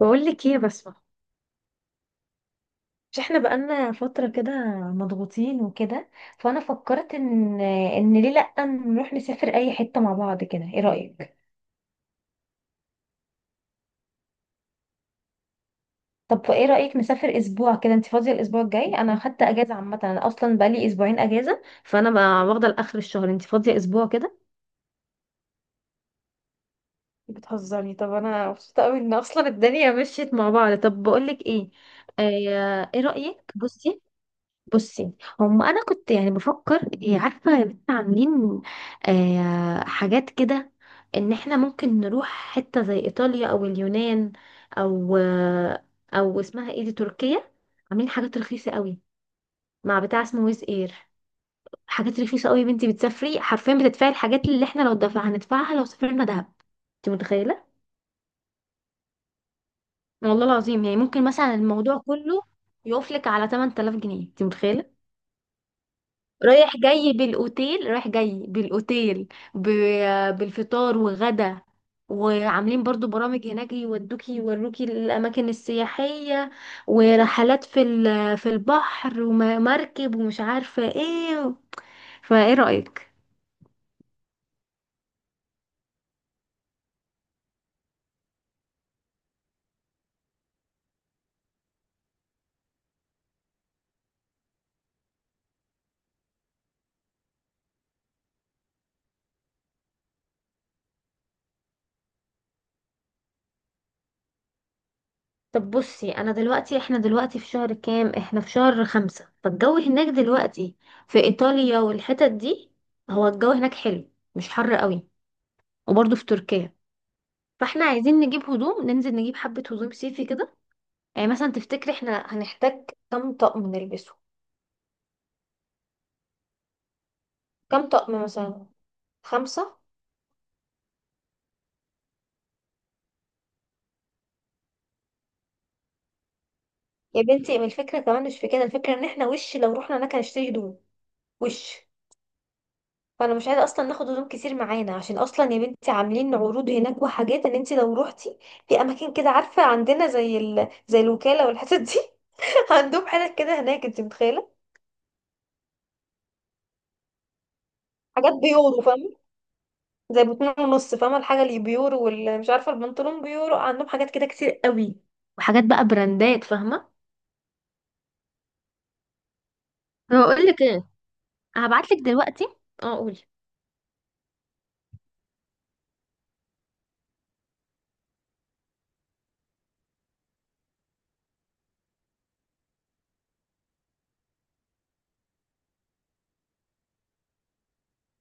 بقول لك ايه يا بسمة؟ مش احنا بقالنا فترة كده مضغوطين وكده، فانا فكرت ان ان ليه لأ نروح نسافر اي حتة مع بعض كده؟ ايه رأيك؟ طب ايه رأيك نسافر اسبوع كده؟ انت فاضية الاسبوع الجاي؟ انا خدت اجازة عامة، انا اصلا بقالي اسبوعين اجازة فانا بقى واخدة لاخر الشهر. انت فاضية اسبوع كده؟ بتهزرني؟ طب انا مبسوطة قوي ان اصلا الدنيا مشيت مع بعض. طب بقول لك ايه، ايه رأيك؟ بصي. بصي، انا كنت يعني بفكر عارفه يا بنت؟ عاملين، حاجات كده، ان احنا ممكن نروح حته زي ايطاليا او اليونان او او اسمها ايه دي، تركيا. عاملين حاجات رخيصه قوي مع بتاع اسمه ويز اير. حاجات رخيصه قوي يا بنتي، بتسافري حرفيا بتدفعي الحاجات اللي احنا لو دفع هندفعها لو سافرنا دهب. انت متخيله؟ والله العظيم، يعني ممكن مثلا الموضوع كله يقفلك على 8000 جنيه. انت متخيله؟ رايح جاي بالاوتيل، رايح جاي بالاوتيل ب... بالفطار وغدا. وعاملين برضو برامج هناك يودوكي يوروكي الاماكن السياحيه، ورحلات في البحر ومركب ومش عارفه ايه. فايه رايك؟ طب بصي، انا دلوقتي احنا دلوقتي في شهر كام؟ احنا في شهر خمسة، فالجو هناك دلوقتي في ايطاليا والحتت دي، هو الجو هناك حلو مش حر قوي، وبرضو في تركيا. فاحنا عايزين نجيب هدوم، ننزل نجيب حبة هدوم صيفي كده. يعني مثلا تفتكري احنا هنحتاج كام طقم نلبسه؟ كام طقم مثلا؟ خمسة؟ يا بنتي، ما الفكرة كمان مش في كده. الفكرة ان احنا وش لو رحنا هناك هنشتري هدوم، وش، فانا مش عايزة اصلا ناخد هدوم كتير معانا، عشان اصلا يا بنتي عاملين عروض هناك وحاجات ان انت لو روحتي في اماكن كده، عارفة، عندنا زي الوكالة والحتت دي، عندهم حاجات كده هناك. انت متخيلة؟ حاجات بيورو، زي باتنين ونص، فاهمة الحاجة اللي بيورو؟ واللي مش عارفة البنطلون بيورو. عندهم حاجات كده كتير قوي، وحاجات بقى براندات، فاهمة؟ هقول لك ايه، هبعت لك دلوقتي. اه قولي.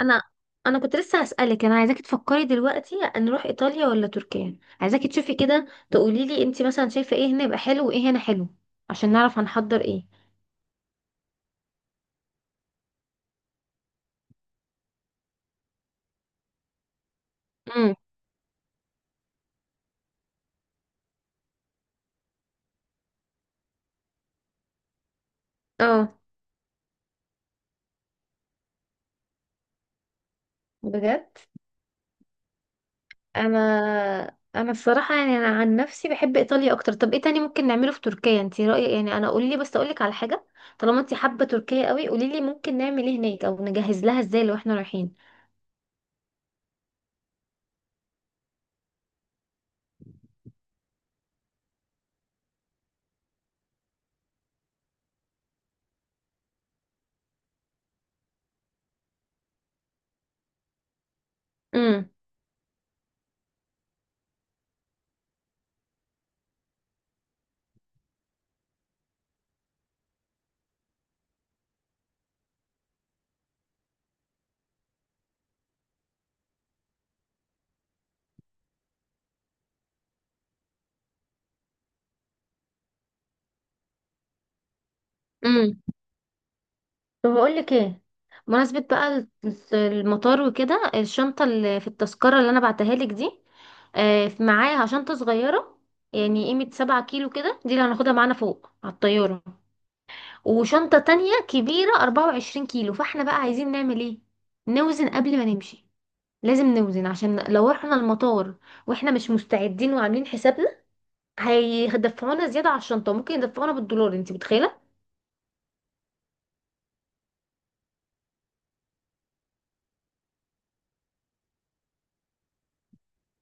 انا انا كنت لسه هسألك، انا عايزاكي تفكري دلوقتي نروح ايطاليا ولا تركيا. عايزاكي تشوفي كده تقولي لي انت مثلا شايفة ايه هنا يبقى حلو وايه هنا حلو، عشان نعرف هنحضر ايه. امم، اه بجد، انا الصراحه يعني انا عن نفسي بحب ايطاليا اكتر. طب ايه تاني ممكن نعمله في تركيا انت رايك؟ يعني انا قولي لي بس، اقول لك على حاجه، طالما انت حابه تركيا قوي، قولي لي ممكن نعمل ايه هناك او نجهز لها ازاي لو احنا رايحين. امم. امم. طب اقول لك ايه، بمناسبه بقى المطار وكده، الشنطه اللي في التذكره اللي انا بعتها لك دي، معاها شنطه صغيره يعني قيمه 7 كيلو كده، دي اللي هناخدها معانا فوق على الطياره، وشنطة تانية كبيرة 24 كيلو. فاحنا بقى عايزين نعمل ايه؟ نوزن قبل ما نمشي، لازم نوزن، عشان لو رحنا المطار واحنا مش مستعدين وعاملين حسابنا هيدفعونا زيادة على الشنطة، ممكن يدفعونا بالدولار. انت متخيلة؟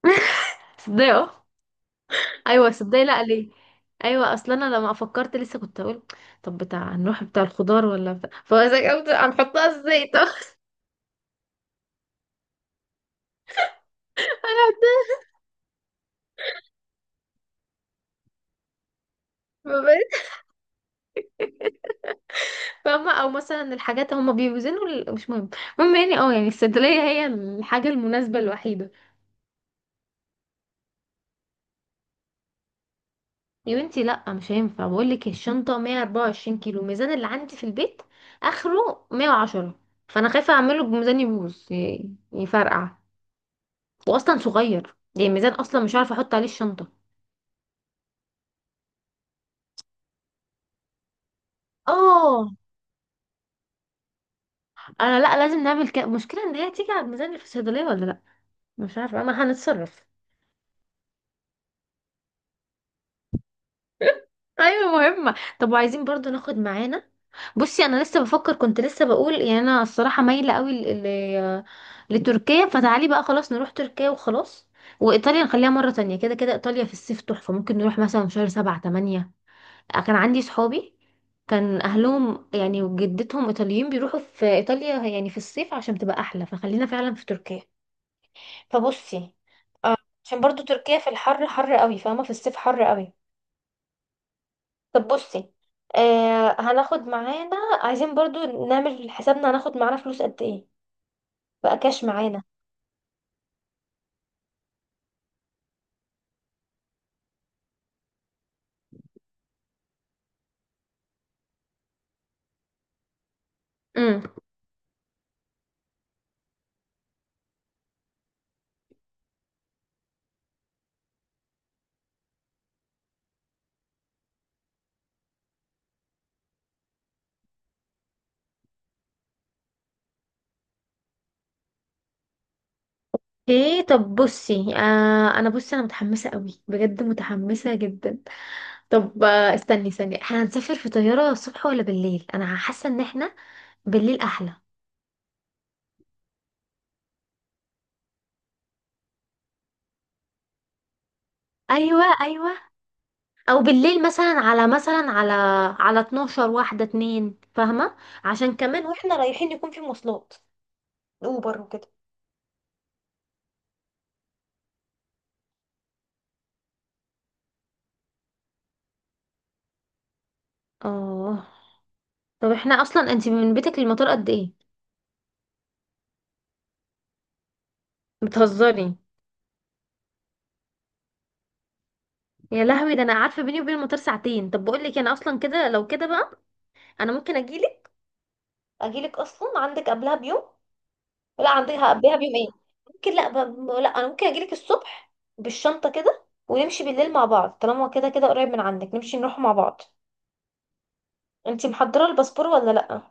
صدقي اه. ايوه صدقي، لا ليه؟ ايوه، اصلا انا لما فكرت لسه كنت اقول، طب بتاع، نروح بتاع الخضار ولا بتاع، فازاي هنحطها ازاي طب؟ فاهمة؟ او مثلا الحاجات هم بيوزنوا مش مهم. المهم يعني اه، يعني الصيدلية هي الحاجة المناسبة الوحيدة. يا بنتي لا مش هينفع، بقول لك الشنطة 124 كيلو، الميزان اللي عندي في البيت اخره 110، فانا خايفة اعمله بميزان يبوظ يفرقع، واصلا صغير يعني الميزان، اصلا مش عارفة احط عليه الشنطة. اه انا لا لازم نعمل كده، المشكلة ان هي تيجي على الميزان اللي في الصيدلية ولا لا، مش عارفة، اما هنتصرف. ايوه مهمة. طب وعايزين برضو ناخد معانا، بصي انا لسه بفكر كنت لسه بقول، يعني انا الصراحه مايله قوي لتركيا، فتعالي بقى خلاص نروح تركيا وخلاص، وايطاليا نخليها مره تانية. كده كده ايطاليا في الصيف تحفه، ممكن نروح مثلا شهر 7 8. كان عندي صحابي كان اهلهم يعني وجدتهم ايطاليين بيروحوا في ايطاليا يعني في الصيف عشان تبقى احلى، فخلينا فعلا في تركيا. فبصي، عشان برضو تركيا في الحر حر قوي، فاهمه، في الصيف حر قوي. طب بصي، هناخد معانا، عايزين برضو نعمل حسابنا هناخد معانا فلوس قد ايه بقى كاش معانا. امم. ايه طب بصي، انا متحمسه قوي، بجد متحمسه جدا. طب استني، احنا هنسافر في طياره الصبح ولا بالليل؟ انا حاسه ان احنا بالليل احلى. ايوه ايوه، او بالليل مثلا على، مثلا على 12 واحده اتنين، فاهمه؟ عشان كمان واحنا رايحين يكون في مواصلات، اوبر وكده. اه طب احنا اصلا انت من بيتك للمطار قد ايه؟ بتهزري؟ يا لهوي، ده انا عارفه بيني وبين المطار ساعتين. طب بقول لك انا اصلا كده، لو كده بقى انا ممكن اجيلك، اجيلك اصلا عندك قبلها بيوم. لا عندها قبلها بيوم ايه، ممكن لا لا، انا ممكن اجيلك الصبح بالشنطه كده، ونمشي بالليل مع بعض، طالما كده كده قريب من عندك نمشي نروح مع بعض. انتي محضره الباسبور ولا لا؟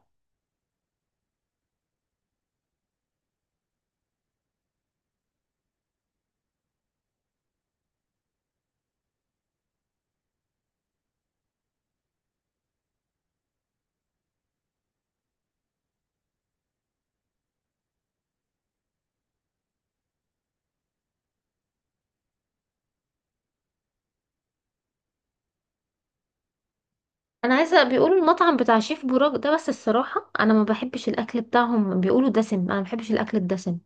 انا عايزه، بيقولوا المطعم بتاع شيف بوراك ده، بس الصراحه انا ما بحبش الاكل بتاعهم، بيقولوا دسم، انا ما بحبش الاكل الدسم.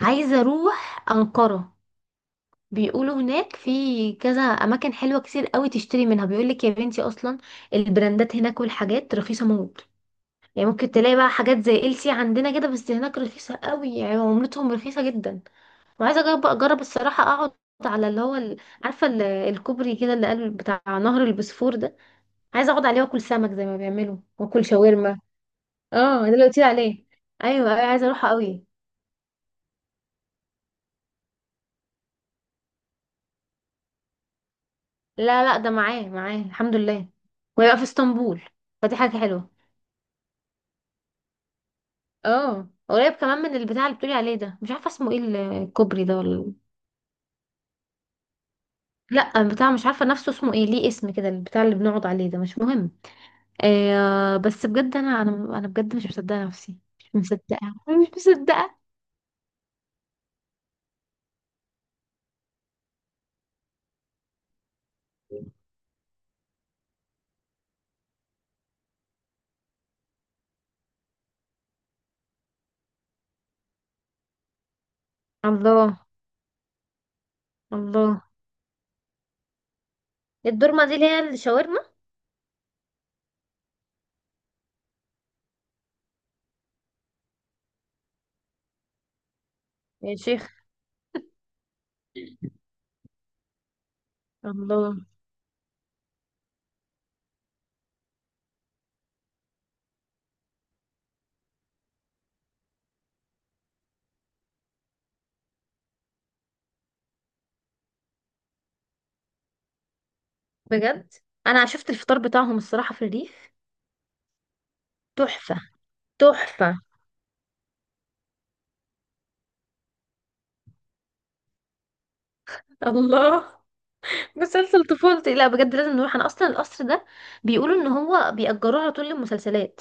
عايزه اروح انقره، بيقولوا هناك في كذا اماكن حلوه كتير قوي تشتري منها، بيقولك يا بنتي اصلا البراندات هناك والحاجات رخيصه موت، يعني ممكن تلاقي بقى حاجات زي ال سي عندنا كده بس هناك رخيصة قوي، يعني عملتهم رخيصة جدا. وعايزة اجرب، اجرب الصراحة، اقعد على اللي هو عارفة الكوبري كده اللي قال بتاع نهر البوسفور ده، عايزة اقعد عليه واكل سمك زي ما بيعملوا واكل شاورما. اه ده اللي قلت لي عليه، ايوه ايوه عايزة اروحه قوي. لا لا، ده معاه الحمد لله، وهيبقى في اسطنبول، فدي حاجة حلوة. اه قريب كمان من البتاع اللي بتقولي عليه ده، مش عارفة اسمه ايه، الكوبري ده ولا؟ لا البتاع مش عارفه نفسه اسمه ايه، ليه اسم كده البتاع اللي بنقعد عليه ده، مش مهم. آه بس بجد، انا بجد مش مصدقه نفسي، مش مصدقه. أنا مش مصدقه. الله. الله. الدورمه دي اللي هي الشاورما؟ يا شيخ. الله. بجد، انا شفت الفطار بتاعهم الصراحه في الريف، تحفه. تحفه. الله. مسلسل طفولتي، لا بجد لازم نروح، انا اصلا القصر ده بيقولوا ان هو بيأجروه على طول للمسلسلات.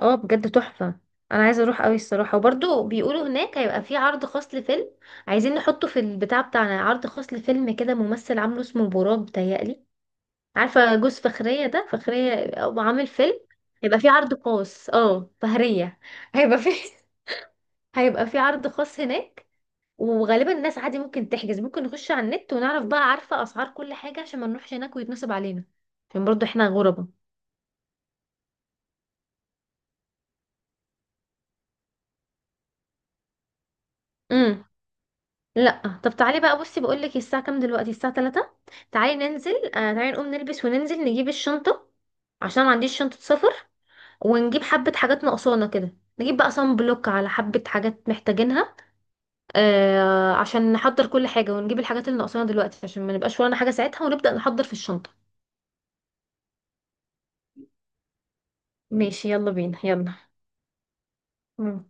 اه بجد تحفة. انا عايزة اروح قوي الصراحة. وبرضو بيقولوا هناك هيبقى في عرض خاص لفيلم، عايزين نحطه في البتاع بتاعنا، عرض خاص لفيلم كده، ممثل عامله، اسمه براك بتهيألي، عارفة جوز فخرية ده؟ فخرية، أو عامل فيلم، هيبقى في عرض خاص. اه فهرية، هيبقى في هيبقى في عرض خاص هناك، وغالبا الناس عادي ممكن تحجز، ممكن نخش على النت ونعرف بقى، عارفة اسعار كل حاجة، عشان ما نروحش هناك ويتنصب علينا، عشان برضو احنا غربة. لا طب تعالي بقى بصي بقولك، الساعة كام دلوقتي؟ الساعة 3، تعالي ننزل، تعالي نقوم نلبس وننزل نجيب الشنطة، عشان ما عنديش شنطة سفر، ونجيب حبة حاجات ناقصانا كده، نجيب بقى صن بلوك، على حبة حاجات محتاجينها، عشان نحضر كل حاجة ونجيب الحاجات اللي ناقصانا دلوقتي عشان ما نبقاش ورانا حاجة ساعتها، ونبدأ نحضر في الشنطة. ماشي يلا بينا، يلا. مم.